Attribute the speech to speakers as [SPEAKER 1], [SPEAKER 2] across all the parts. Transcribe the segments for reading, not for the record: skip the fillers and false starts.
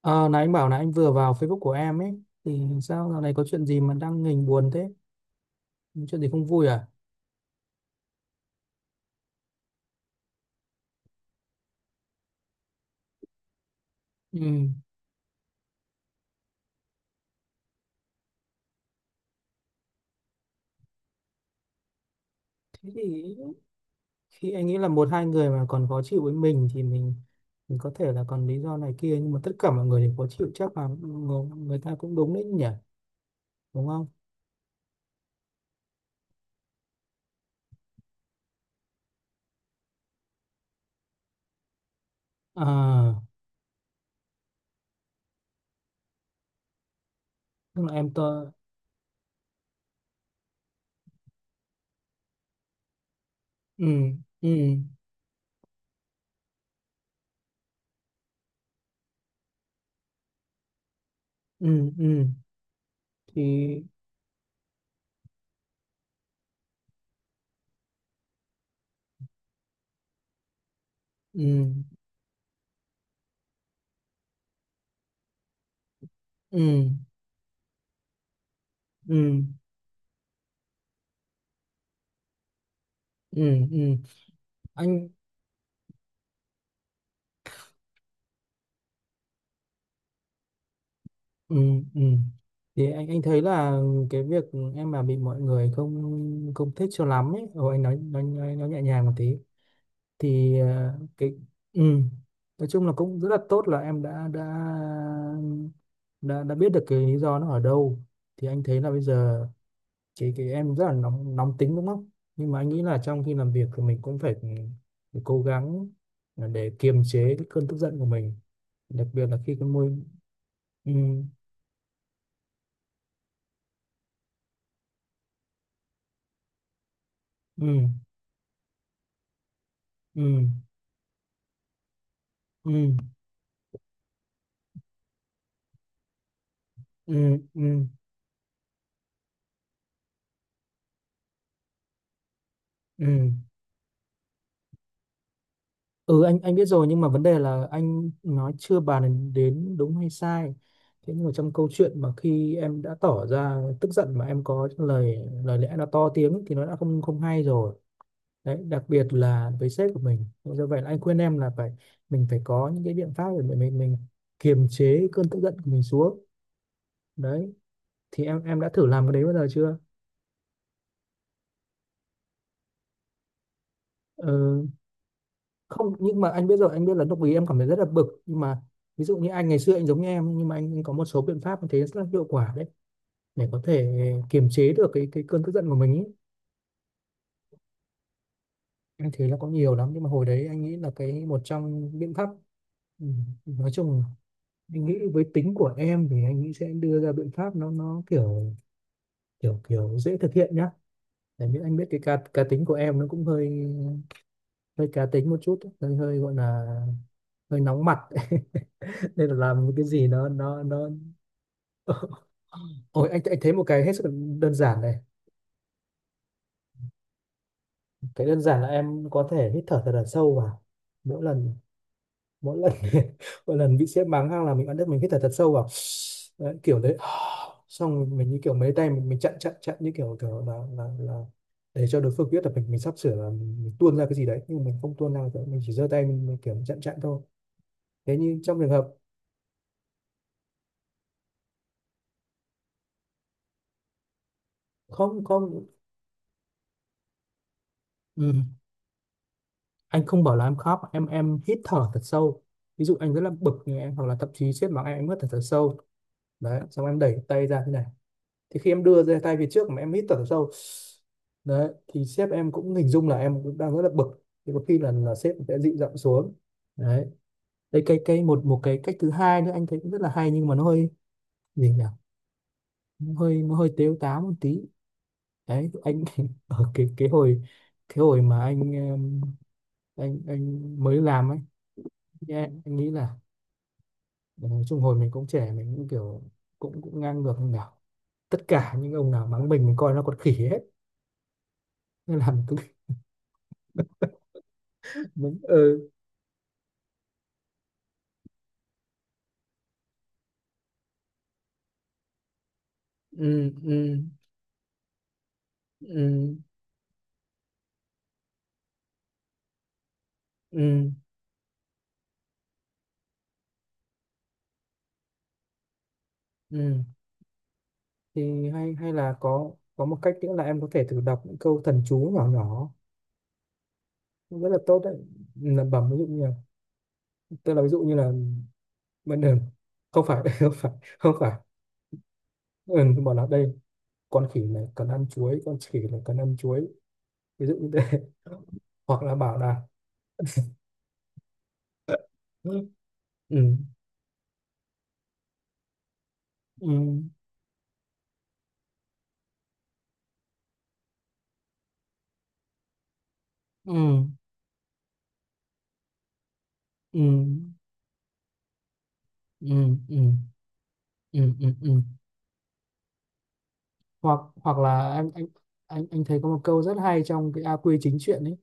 [SPEAKER 1] Ờ, nãy anh bảo là anh vừa vào Facebook của em ấy thì sao dạo này có chuyện gì mà đang nghềnh buồn thế? Chuyện gì không vui à? Ừ. Thế thì khi anh nghĩ là một hai người mà còn khó chịu với mình thì mình có thể là còn lý do này kia, nhưng mà tất cả mọi người đều khó chịu chắc là người ta cũng đúng đấy nhỉ? Đúng không? À, tức là em tơ. Ừ. Ừ. Ừ. Ừ. Thì. Ừ. Ừ. Ừ. Ừ. Ừ. Anh. Ừ, ừ. Thì anh thấy là cái việc em mà bị mọi người không không thích cho lắm ấy, rồi anh nói nói nhẹ nhàng một tí thì cái. Ừ. Nói chung là cũng rất là tốt là em đã biết được cái lý do nó ở đâu, thì anh thấy là bây giờ cái em rất là nóng nóng tính đúng không? Nhưng mà anh nghĩ là trong khi làm việc thì mình cũng phải cố gắng để kiềm chế cái cơn tức giận của mình, đặc biệt là khi cái môi. Ừ, ừ, ừ. Ừ. Ừ. Ừ. Ừ. Ừ. Anh biết rồi, nhưng mà vấn đề là anh nói chưa bàn đến đến đúng hay sai, thế nhưng mà trong câu chuyện mà khi em đã tỏ ra tức giận mà em có lời lời lẽ nó to tiếng thì nó đã không không hay rồi đấy, đặc biệt là với sếp của mình, do vậy là anh khuyên em là phải mình phải có những cái biện pháp để mình kiềm chế cơn tức giận của mình xuống đấy, thì em đã thử làm cái đấy bao giờ chưa? Ừ. Không, nhưng mà anh biết rồi, anh biết là lúc ý em cảm thấy rất là bực, nhưng mà ví dụ như anh ngày xưa anh giống như em nhưng mà anh có một số biện pháp anh thấy rất là hiệu quả đấy, để có thể kiềm chế được cái cơn tức giận của mình ý. Anh thấy là có nhiều lắm nhưng mà hồi đấy anh nghĩ là cái một trong biện pháp, ừ, nói chung anh nghĩ với tính của em thì anh nghĩ sẽ đưa ra biện pháp nó kiểu kiểu kiểu dễ thực hiện nhá, tại vì anh biết cái cá cá tính của em nó cũng hơi, hơi cá tính một chút, hơi hơi gọi là hơi nóng mặt nên là làm cái gì nó Ôi, anh thấy một cái hết sức là đơn giản này. Cái đơn giản là em có thể hít thở thật là sâu vào. Mỗi lần mỗi lần mỗi lần bị sếp mắng hay là mình ăn đứt mình hít thở thật sâu vào. Đấy, kiểu đấy. Xong mình như kiểu mấy tay mình chặn chặn chặn như kiểu kiểu là để cho đối phương biết là mình sắp sửa là mình tuôn ra cái gì đấy, nhưng mình không tuôn ra cái- mình chỉ giơ tay mình kiểu chặn chặn thôi. Thế nhưng trong trường hợp không. Không. Ừ. Anh không bảo là em khóc, em hít thở thật sâu. Ví dụ anh rất là bực thì em hoặc là thậm chí sếp mắng em hít thở thật sâu đấy, xong em đẩy tay ra thế này, thì khi em đưa ra tay về trước mà em hít thở sâu đấy thì sếp em cũng hình dung là em cũng đang rất là bực, thì có khi là sếp sẽ dịu giọng xuống đấy. Đây cái một một cái cách thứ hai nữa anh thấy cũng rất là hay, nhưng mà nó hơi, gì nhỉ, nó hơi tếu táo một tí đấy, anh ở cái hồi, cái hồi mà anh em, anh mới làm ấy anh nghĩ là, nói chung hồi mình cũng trẻ, mình cũng kiểu cũng cũng ngang ngược như nào, tất cả những ông nào mắng mình coi nó còn khỉ hết, nó làm tôi mình. Ừ. Ừ. Ừ. Ừ. Ừ. Ừ. Thì hay hay là có một cách nữa là em có thể thử đọc những câu thần chú nhỏ nhỏ, cũng rất là tốt đấy, lẩm bẩm ví dụ như là, tức là ví dụ như là bên đường, không phải không phải, không phải. Ừ, bảo là đây, con khỉ này cần ăn chuối, con khỉ này cần ăn chuối, ví dụ như thế hoặc là bảo là. Ừ. Ừ. Ừ. Ừ. Ừ. Ừ. Ừ. Ừ. Ừ. Ừ. Ừ, ừ. hoặc hoặc là anh anh thấy có một câu rất hay trong cái A Quy chính truyện ấy,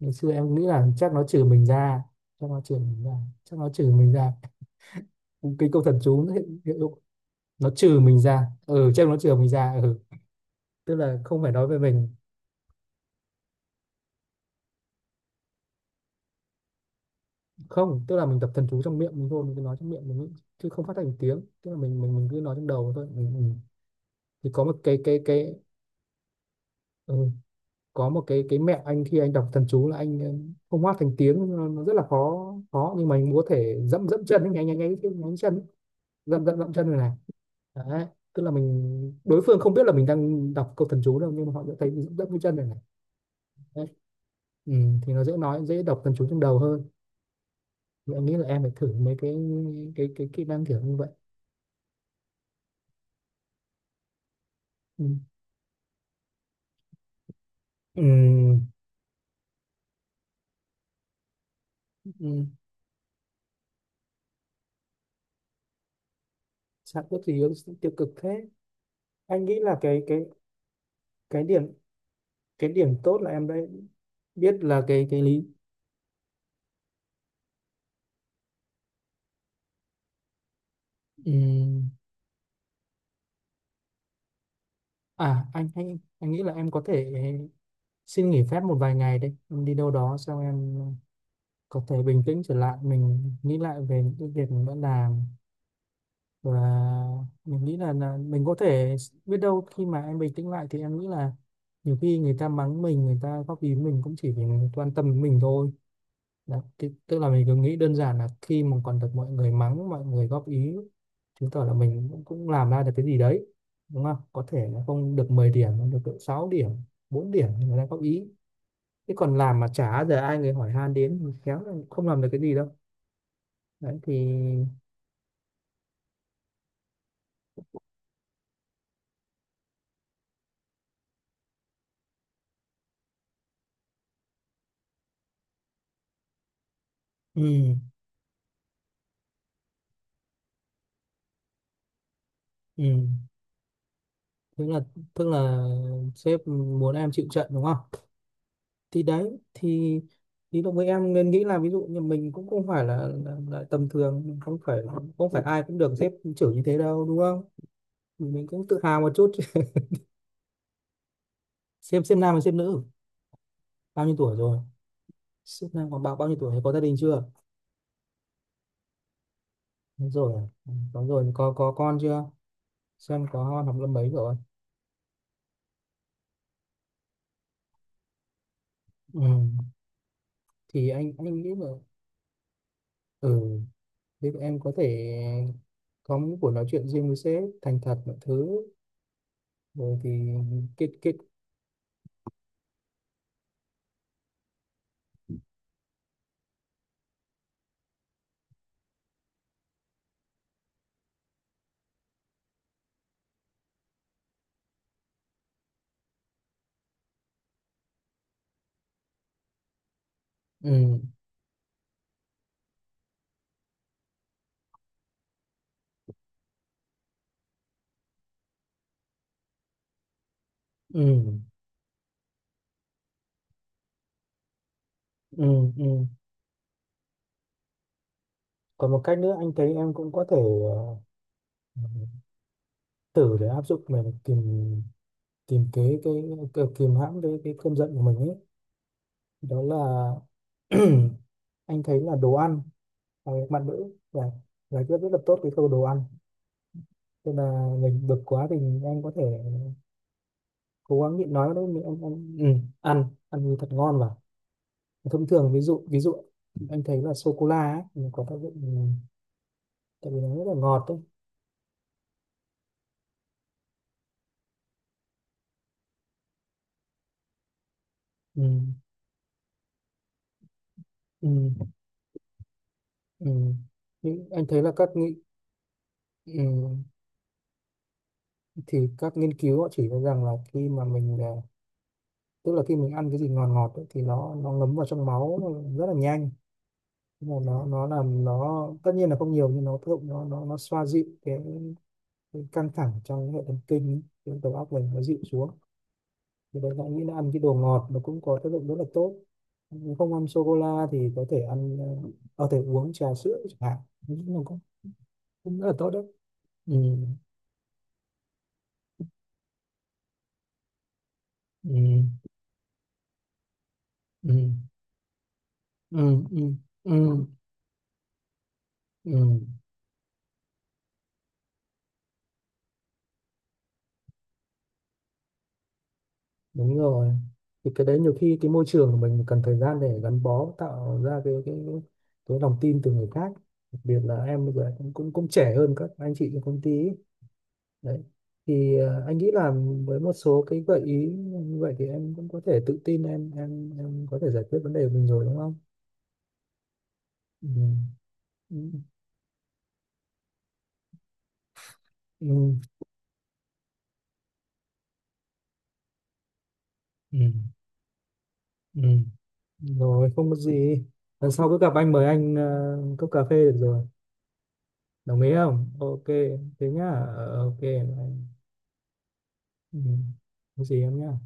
[SPEAKER 1] ngày xưa em nghĩ là chắc nó trừ mình ra, chắc nó trừ mình ra, chắc nó trừ mình ra, cái câu thần chú nó hiện, hiện dụng, nó trừ mình ra ừ, chắc nó trừ mình ra ừ, tức là không phải nói về mình. Không, tức là mình tập thần chú trong miệng mình thôi, mình cứ nói trong miệng mình nghĩ, chứ không phát thành tiếng, tức là mình cứ nói trong đầu thôi mình. Ừ. Thì có một cái cái. Ừ, có một cái mẹo anh khi anh đọc thần chú là anh, không hát thành tiếng nó rất là khó khó, nhưng mà anh có thể dẫm dẫm chân ấy, nháy nháy chân ấy, dẫm dẫm dẫm chân này này đấy, tức là mình đối phương không biết là mình đang đọc câu thần chú đâu, nhưng mà họ sẽ thấy mình dẫm dẫm cái chân này này đấy. Ừ, thì nó dễ nói dễ đọc thần chú trong đầu hơn, thì anh nghĩ là em phải thử mấy cái kỹ năng kiểu như vậy. Ừ. Ừ. Ừ. Sao có gì tiêu cực thế, anh nghĩ là cái điểm, cái điểm tốt là em đã biết là cái lý. Ừm, À anh nghĩ là em có thể xin nghỉ phép một vài ngày đấy, em đi đâu đó xong em có thể bình tĩnh trở lại, mình nghĩ lại về những cái việc mình đã làm và mình nghĩ là mình có thể, biết đâu khi mà em bình tĩnh lại thì em nghĩ là nhiều khi người ta mắng mình, người ta góp ý mình cũng chỉ vì người ta quan tâm đến mình thôi. Đó, thì, tức là mình cứ nghĩ đơn giản là khi mà còn được mọi người mắng, mọi người góp ý, chứng tỏ là mình cũng làm ra được cái gì đấy, đúng không? Có thể là không được 10 điểm, nó được độ 6 điểm, 4 điểm người ta góp ý. Thế còn làm mà chả giờ ai người hỏi han đến thì khéo là không làm được cái gì đâu. Đấy thì. Ừ. Ừ. tức là tức là sếp muốn em chịu trận đúng không? Thì đấy thì đồng với em nên nghĩ là ví dụ như mình cũng không phải là tầm thường, không phải không phải ai cũng được sếp chửi như thế đâu đúng không? Thì mình cũng tự hào một chút chứ. Xem nam và xem nữ bao nhiêu tuổi rồi, sếp nam còn bao bao nhiêu tuổi, có gia đình chưa? Đúng rồi. Ừ, đúng rồi, có con chưa, xem có con học lớp mấy rồi. Ừ. Thì anh nghĩ là. Ừ. Thế thì em có thể có những buổi nói chuyện riêng với sếp, thành thật mọi thứ rồi thì kết kết. Ừ. Ừ. Ừ, ừ. Còn một cách nữa anh thấy em cũng có thể thử để áp dụng để tìm tìm cái kìm hãm cái cơn giận của mình ấy, đó là anh thấy là đồ ăn và bạn nữ và giải quyết rất là tốt cái câu đồ ăn, tức là mình bực quá thì anh có thể cố gắng nhịn nói đấy, mình ăn ăn, ừ, ăn ăn thật ngon vào, thông thường ví dụ anh thấy là sô cô la ấy nó có tác dụng, ừ, tại vì nó rất là ngọt đấy, ừ, ừ. Ừ. Nhưng anh thấy là các nghị. Ừ. Thì các nghiên cứu họ chỉ ra rằng là khi mà mình, à, tức là khi mình ăn cái gì ngọt ngọt ấy, thì nó ngấm vào trong máu rất là nhanh. Mà nó làm nó tất nhiên là không nhiều, nhưng nó tác dụng nó xoa dịu cái căng thẳng trong hệ thần kinh, cái đầu óc mình nó dịu xuống, thì đấy là anh nghĩ là ăn cái đồ ngọt nó cũng có tác dụng rất là tốt. Nếu không ăn sô cô la thì có thể ăn có thể uống trà sữa chẳng hạn, nó cũng cũng rất là tốt đấy. Ừ. Ừ. Ừ. Ừ. Ừ. Ừ. Ừ. Đúng rồi, thì cái đấy nhiều khi cái môi trường của mình cần thời gian để gắn bó tạo ra cái cái lòng tin từ người khác, đặc biệt là em bây giờ cũng cũng, cũng trẻ hơn các anh chị trong công ty ấy. Đấy, thì anh nghĩ là với một số cái gợi ý như vậy thì em cũng có thể tự tin em có thể giải quyết vấn đề của mình rồi đúng không? Ừ. Ừ. Ừ. Ừ, ừ. Rồi không có gì, lần sau cứ gặp anh, mời anh cốc cà phê được rồi, đồng ý không? Ok, thế nhá. Ờ, ok. Ừ. Có gì em nhá.